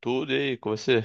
Tudo, e aí com você?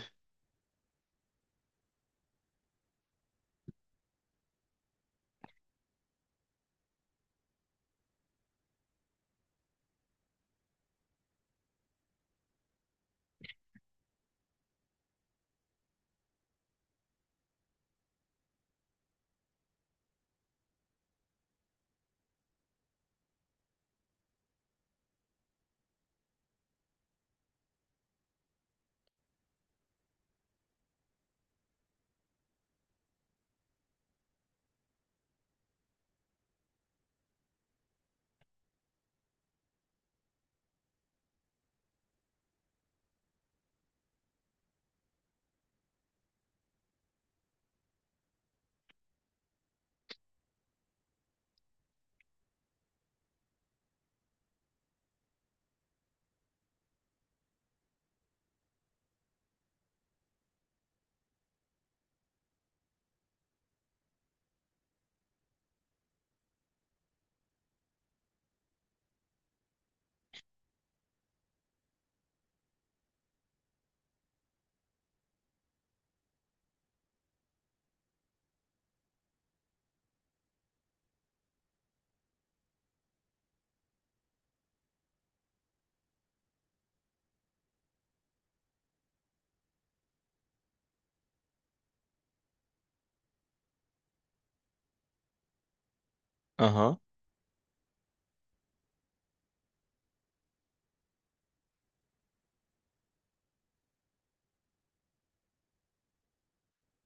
Aham.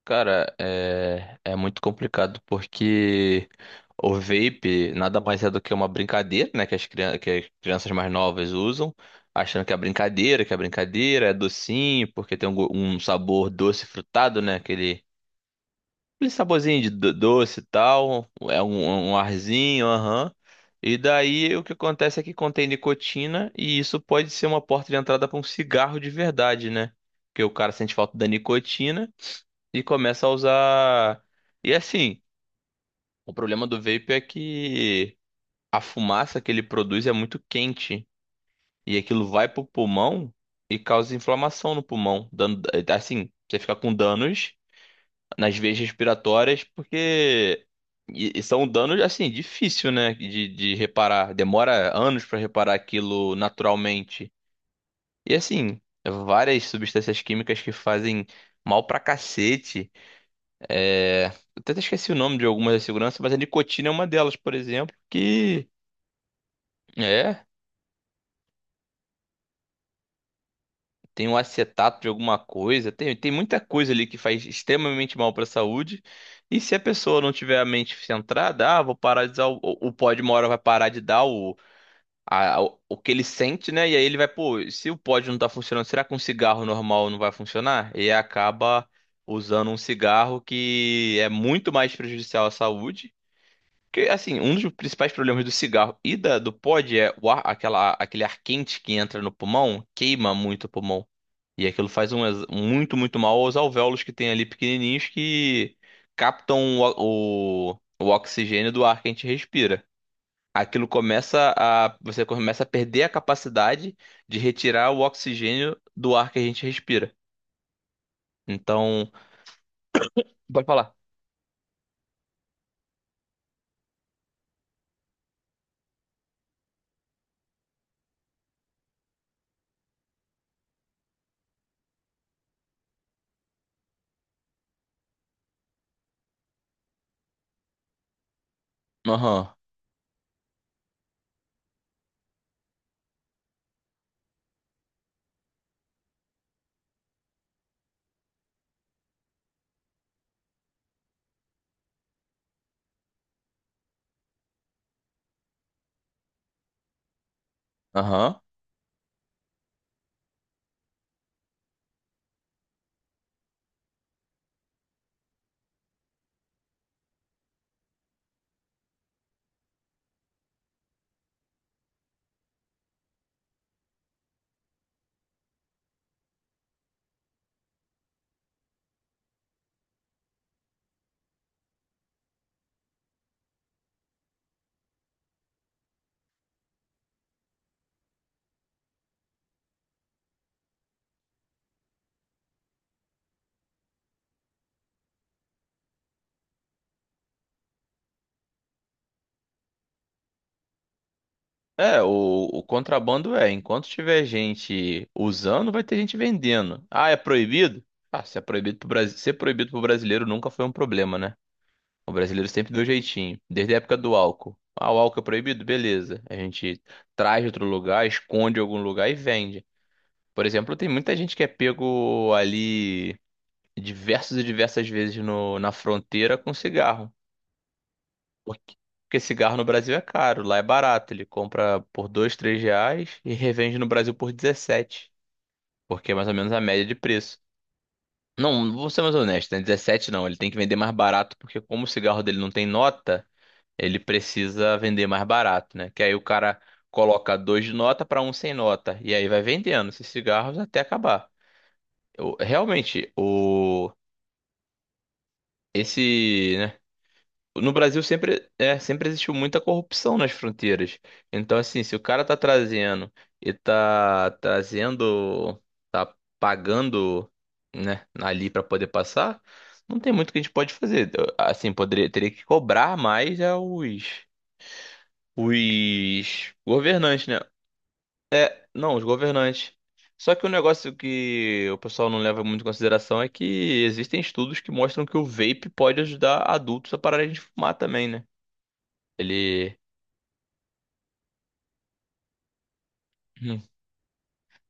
Cara, é muito complicado porque o vape nada mais é do que uma brincadeira, né? Que as crianças mais novas usam, achando que é brincadeira, é docinho, porque tem um sabor doce frutado, né? Aquele saborzinho de doce e tal, é um arzinho, aham. E daí o que acontece é que contém nicotina e isso pode ser uma porta de entrada para um cigarro de verdade, né? Porque o cara sente falta da nicotina e começa a usar. E assim, o problema do vape é que a fumaça que ele produz é muito quente e aquilo vai pro pulmão e causa inflamação no pulmão, dando assim, você fica com danos nas veias respiratórias, porque e são danos assim difícil, né, de reparar. Demora anos para reparar aquilo naturalmente. E assim, várias substâncias químicas que fazem mal pra cacete. É... eu Até esqueci o nome de algumas da segurança, mas a nicotina é uma delas, por exemplo, que é. Tem um acetato de alguma coisa, tem muita coisa ali que faz extremamente mal para a saúde. E se a pessoa não tiver a mente centrada, ah, vou parar de usar o pódio, uma hora vai parar de dar o que ele sente, né? E aí ele vai, pô, se o pódio não tá funcionando, será que um cigarro normal não vai funcionar? E acaba usando um cigarro que é muito mais prejudicial à saúde. Porque, assim, um dos principais problemas do cigarro e do pod é aquele ar quente que entra no pulmão, queima muito o pulmão. E aquilo faz muito, muito mal aos alvéolos que tem ali pequenininhos que captam o oxigênio do ar que a gente respira. Aquilo você começa a perder a capacidade de retirar o oxigênio do ar que a gente respira. Então, pode falar. Aham, aham. É, o, o contrabando é, enquanto tiver gente usando, vai ter gente vendendo. Ah, é proibido? Ah, se é proibido pro Brasil, ser proibido pro brasileiro nunca foi um problema, né? O brasileiro sempre deu jeitinho. Desde a época do álcool. Ah, o álcool é proibido? Beleza. A gente traz de outro lugar, esconde em algum lugar e vende. Por exemplo, tem muita gente que é pego ali diversas e diversas vezes na fronteira com cigarro. Porque, porque cigarro no Brasil é caro, lá é barato. Ele compra por 2, 3 reais e revende no Brasil por 17. Porque é mais ou menos a média de preço. Não, vou ser mais honesto, né? 17 não, ele tem que vender mais barato, porque como o cigarro dele não tem nota. Ele precisa vender mais barato, né? Que aí o cara coloca dois de nota para um sem nota. E aí vai vendendo esses cigarros até acabar. Realmente, né? No Brasil sempre, é, sempre existiu muita corrupção nas fronteiras. Então, assim, se o cara tá trazendo e tá trazendo, tá pagando, né, ali para poder passar, não tem muito que a gente pode fazer. Assim, poderia, teria que cobrar mais aos. Os governantes, né? Não, os governantes. Só que o negócio que o pessoal não leva muito em consideração é que existem estudos que mostram que o vape pode ajudar adultos a pararem de fumar também, né? Ele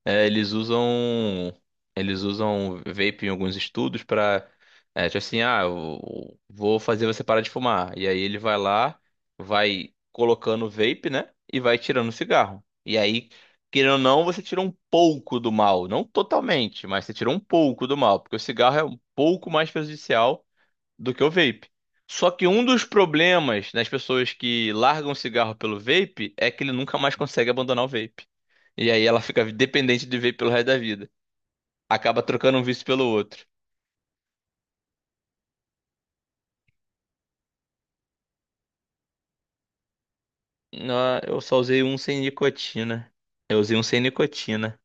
é, eles usam vape em alguns estudos para é, tipo assim, ah, eu vou fazer você parar de fumar. E aí ele vai lá, vai colocando o vape, né? E vai tirando o cigarro. E aí, querendo ou não, você tira um pouco do mal, não totalmente, mas você tira um pouco do mal, porque o cigarro é um pouco mais prejudicial do que o vape. Só que um dos problemas nas pessoas que largam o cigarro pelo vape é que ele nunca mais consegue abandonar o vape. E aí ela fica dependente de vape pelo resto da vida. Acaba trocando um vício pelo outro. Não, eu só usei um sem nicotina. Eu usei um sem nicotina.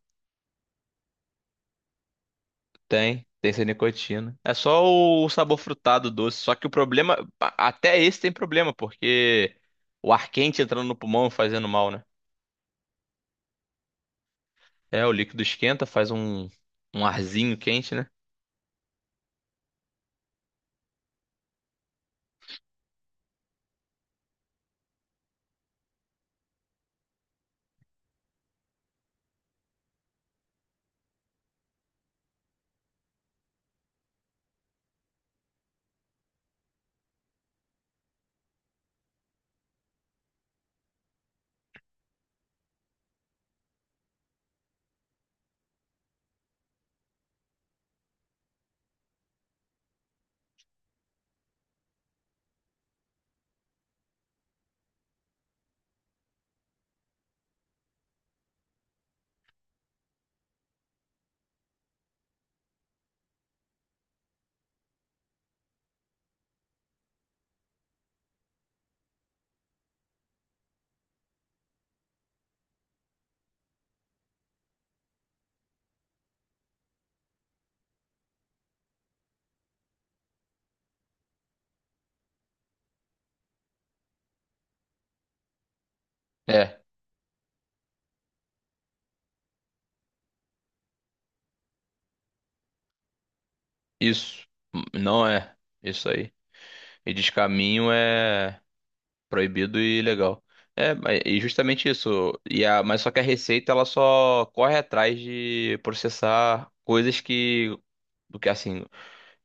Tem, tem sem nicotina. É só o sabor frutado doce. Só que o problema, até esse tem problema, porque o ar quente entrando no pulmão e fazendo mal, né? É, o líquido esquenta, faz um, um arzinho quente, né? É, isso. Não é isso aí. E descaminho é. Proibido e ilegal. E justamente isso. E a, mas só que a Receita ela só corre atrás de processar coisas que, do que assim,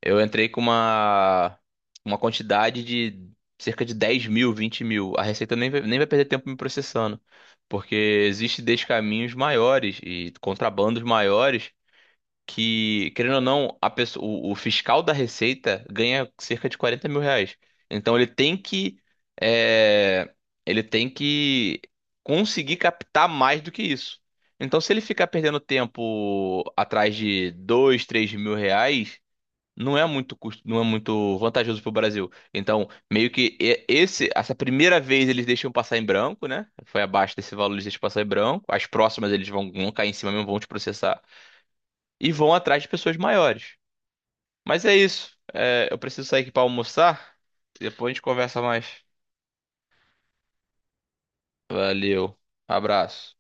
eu entrei com uma quantidade de cerca de 10.000, 20.000. A Receita nem vai perder tempo me processando, porque existe descaminhos maiores e contrabandos maiores que, querendo ou não, a pessoa, o fiscal da Receita ganha cerca de 40.000 reais. Então ele tem que, é, ele tem que conseguir captar mais do que isso. Então se ele ficar perdendo tempo atrás de 2, 3.000 reais, não é muito custo, não é muito vantajoso para o Brasil. Então meio que essa primeira vez eles deixam passar em branco, né? Foi abaixo desse valor eles deixam passar em branco. As próximas eles vão, vão cair em cima mesmo, vão te processar e vão atrás de pessoas maiores. Mas é isso. É, eu preciso sair aqui para almoçar. Depois a gente conversa mais. Valeu. Abraço.